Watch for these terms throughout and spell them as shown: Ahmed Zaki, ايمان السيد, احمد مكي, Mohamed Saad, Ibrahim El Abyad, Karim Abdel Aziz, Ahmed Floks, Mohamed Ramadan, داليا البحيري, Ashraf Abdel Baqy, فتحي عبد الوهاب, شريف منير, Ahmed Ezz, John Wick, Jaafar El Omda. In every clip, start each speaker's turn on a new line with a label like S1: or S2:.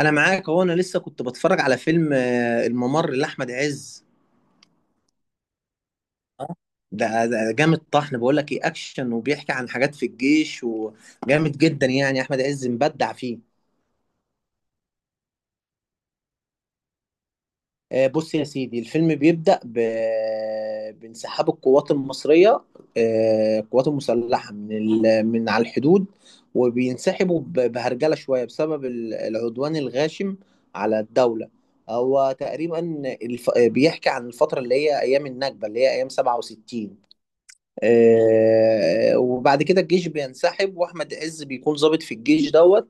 S1: انا معاك، هو انا لسه كنت بتفرج على فيلم الممر لاحمد عز. آه، ده جامد طحن، بقول لك ايه، اكشن وبيحكي عن حاجات في الجيش وجامد جدا، يعني احمد عز مبدع فيه. آه، بص يا سيدي، الفيلم بيبدأ بانسحاب القوات المصرية، القوات المسلحة من على الحدود، وبينسحبوا بهرجلة شوية بسبب العدوان الغاشم على الدولة. هو تقريبا بيحكي عن الفترة اللي هي أيام النكبة، اللي هي أيام 67. آه، وبعد كده الجيش بينسحب، واحمد عز بيكون ضابط في الجيش دوت.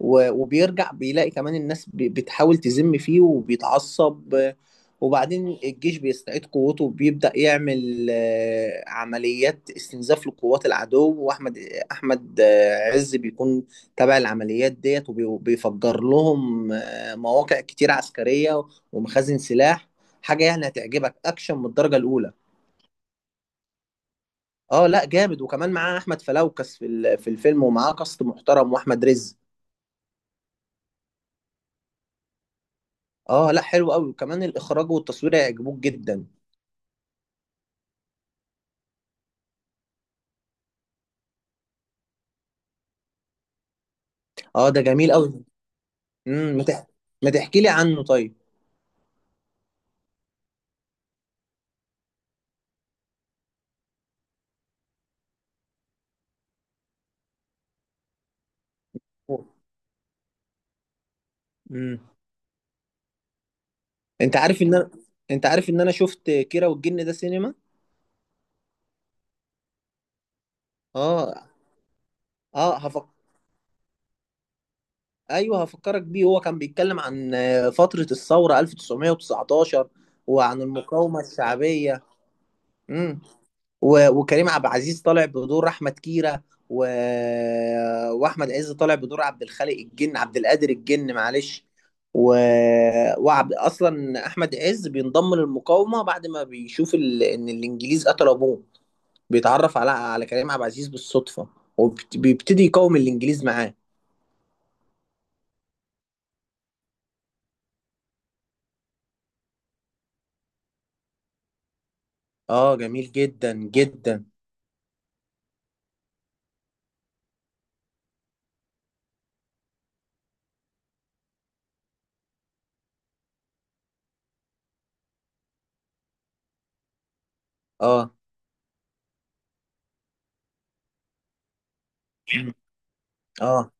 S1: وبيرجع بيلاقي كمان الناس بتحاول تذم فيه وبيتعصب وبعدين الجيش بيستعيد قوته وبيبدأ يعمل عمليات استنزاف لقوات العدو، واحمد احمد آه، عز بيكون تابع العمليات ديت، وبيفجر لهم مواقع كتير عسكرية ومخازن سلاح. حاجة يعني هتعجبك، اكشن من الدرجة الاولى. اه لا، جامد، وكمان معاه احمد فلوكس في في الفيلم، ومعاه كاست محترم، واحمد رزق. اه لا، حلو قوي، وكمان الاخراج والتصوير هيعجبوك جدا. اه، ده جميل قوي. امم ما تح- ما تحكي لي عنه طيب. امم انت عارف ان انا انت عارف ان انا شفت كيرة والجن ده سينما. اه، اه، ايوه، هفكرك بيه، هو كان بيتكلم عن فترة الثورة 1919 وعن المقاومة الشعبية. امم وكريم عبد العزيز طالع بدور احمد كيرة، و... واحمد عز طالع بدور عبد الخالق الجن، عبد القادر الجن، معلش. و... وعبد اصلا احمد عز بينضم للمقاومه بعد ما بيشوف ان الانجليز قتلوا ابوه، بيتعرف على كريم عبد العزيز بالصدفه، وبيبتدي يقاوم الانجليز معاه. اه، جميل جدا جدا. اه، اه،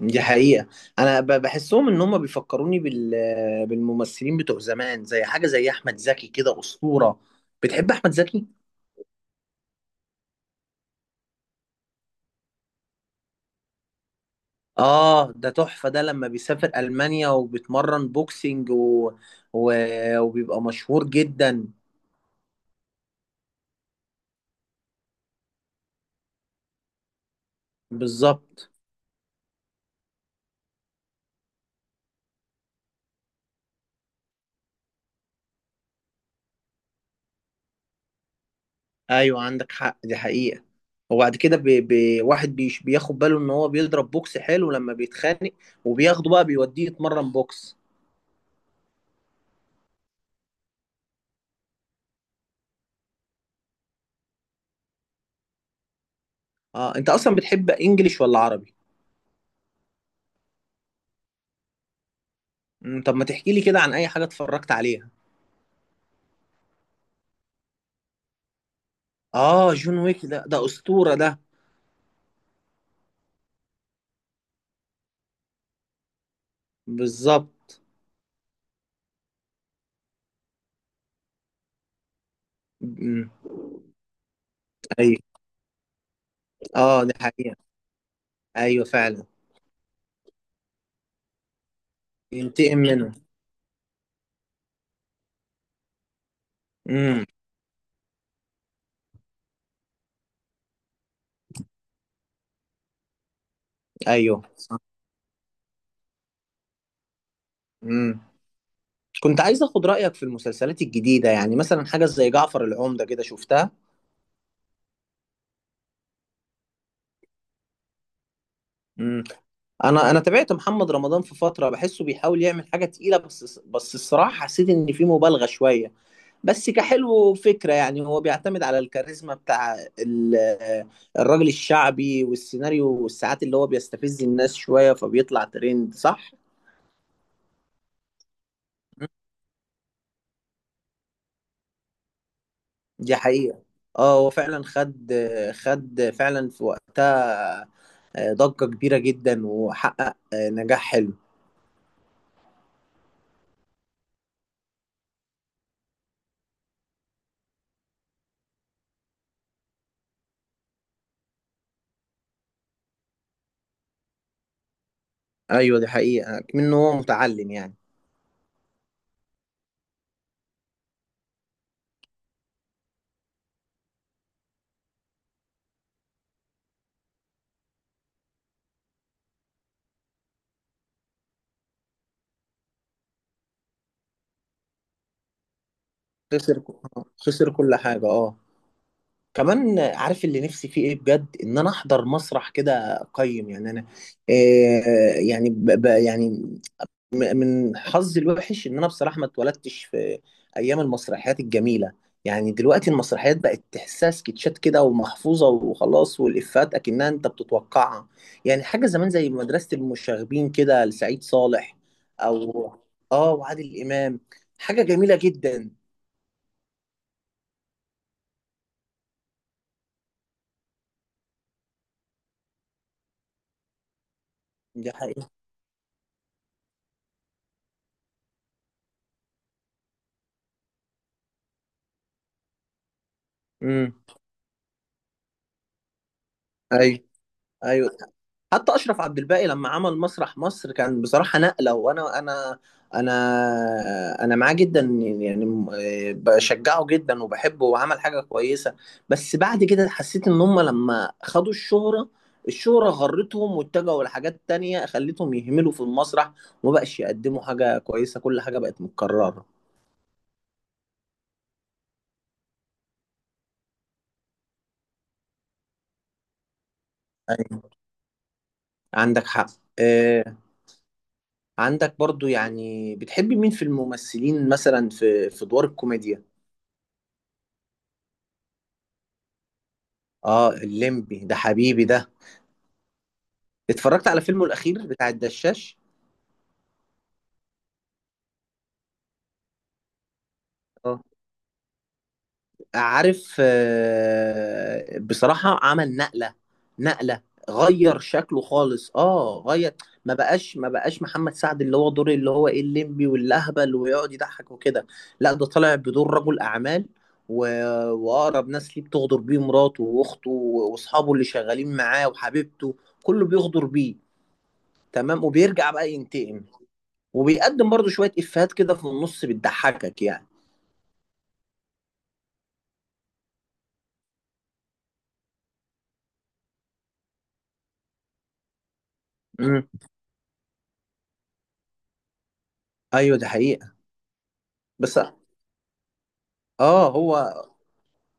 S1: دي حقيقة. أنا بحسهم إن هم بيفكروني بالممثلين بتوع زمان، زي حاجة زي أحمد زكي، كده أسطورة. بتحب أحمد زكي؟ آه، ده تحفة، ده لما بيسافر ألمانيا وبيتمرن بوكسينج و... وبيبقى مشهور جدا. بالظبط. أيوة، عندك حق، دي حقيقة. وبعد كده واحد بياخد باله إن هو بيضرب بوكس حلو لما بيتخانق، وبياخده بقى بيوديه يتمرن بوكس. آه، أنت أصلا بتحب إنجليش ولا عربي؟ طب ما تحكي لي كده عن اي حاجه اتفرجت عليها. اه، جون ويك، ده اسطوره ده. بالظبط. مم، ايوه، اه، دي حقيقه، ايوه فعلا. ينتقم منه. امم، ايوه، صح. امم. كنت عايز اخد رايك في المسلسلات الجديده، يعني مثلا حاجه زي جعفر العمده كده، شفتها؟ امم انا تابعت محمد رمضان في فتره، بحسه بيحاول يعمل حاجه تقيله، بس الصراحه حسيت ان في مبالغه شويه، بس كحلو فكرة. يعني هو بيعتمد على الكاريزما بتاع الراجل الشعبي والسيناريو والساعات اللي هو بيستفز الناس شوية فبيطلع ترند، صح؟ دي حقيقة. اه، هو فعلا خد فعلا في وقتها ضجة كبيرة جدا، وحقق نجاح حلو. ايوه، دي حقيقة، منه هو متعلم يعني. خسر خسر كل حاجة، اه. كمان عارف اللي نفسي فيه ايه بجد؟ ان انا احضر مسرح كده، اقيم يعني، انا يعني ب ب يعني من حظي الوحش ان انا بصراحه ما اتولدتش في ايام المسرحيات الجميله. يعني دلوقتي المسرحيات بقت تحسها سكتشات كده، ومحفوظه وخلاص، والافات اكنها انت بتتوقعها. يعني حاجه زمان زي مدرسه المشاغبين كده لسعيد صالح، او اه وعادل امام، حاجه جميله جدا. دي حقيقة. امم، ايوه. حتى اشرف عبد الباقي لما عمل مسرح مصر كان بصراحه نقله، وانا انا انا انا معاه جدا، يعني بشجعه جدا وبحبه وعمل حاجه كويسه. بس بعد كده حسيت ان هم لما خدوا الشهره غرتهم، واتجهوا لحاجات تانية خلتهم يهملوا في المسرح وما بقاش يقدموا حاجه كويسه، كل حاجه بقت متكرره. أيوة، عندك حق. آه، عندك برضو، يعني بتحبي مين في الممثلين مثلا في ادوار الكوميديا؟ اه، الليمبي ده حبيبي ده. اتفرجت على فيلمه الاخير بتاع الدشاش. اه، عارف، بصراحة عمل نقلة، نقلة، غير شكله خالص. اه غير ما بقاش محمد سعد اللي هو دور اللي هو ايه، الليمبي والاهبل ويقعد يضحك وكده. لا، ده طالع بدور رجل اعمال، و... واقرب ناس ليه بتغدر بيه، مراته واخته واصحابه اللي شغالين معاه وحبيبته، كله بيغدر بيه. تمام. وبيرجع بقى ينتقم، وبيقدم برضه شوية إفيهات كده في النص بتضحكك يعني. امم، ايوه، دي حقيقة، بس. اه هو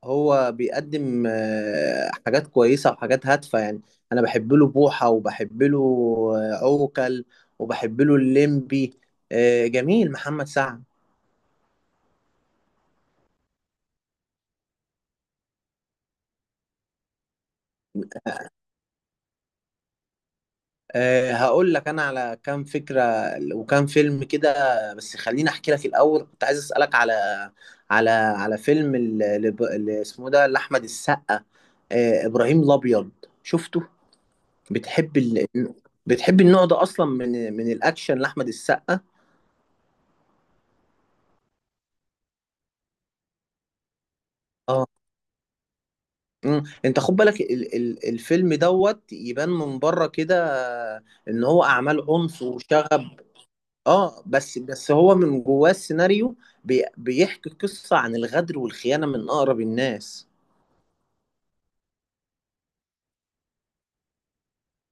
S1: هو بيقدم حاجات كويسة وحاجات هادفة يعني. انا بحب له بوحة، وبحب له عوكل، وبحب له الليمبي. جميل محمد سعد. أه، هقول لك انا على كام فكره وكام فيلم كده. بس خليني احكي لك الاول، كنت عايز اسالك على فيلم اللي اسمه ده لاحمد السقا، أه، ابراهيم الابيض. شفته؟ بتحب بتحب النوع ده اصلا من الاكشن لاحمد السقا؟ اه. مم. انت خد بالك الفيلم دوت يبان من بره كده ان هو اعمال عنف وشغب. اه، بس هو من جواه السيناريو بيحكي قصة عن الغدر والخيانة من أقرب الناس.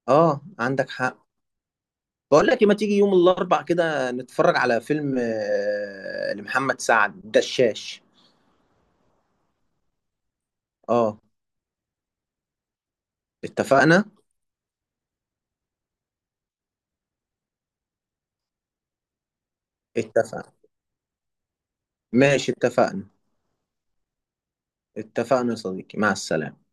S1: اه، عندك حق. بقول لك إيه، ما تيجي يوم الأربع كده نتفرج على فيلم لمحمد سعد، الدشاش. اه، اتفقنا. اتفقنا. ماشي، اتفقنا. اتفقنا يا صديقي، مع السلامة.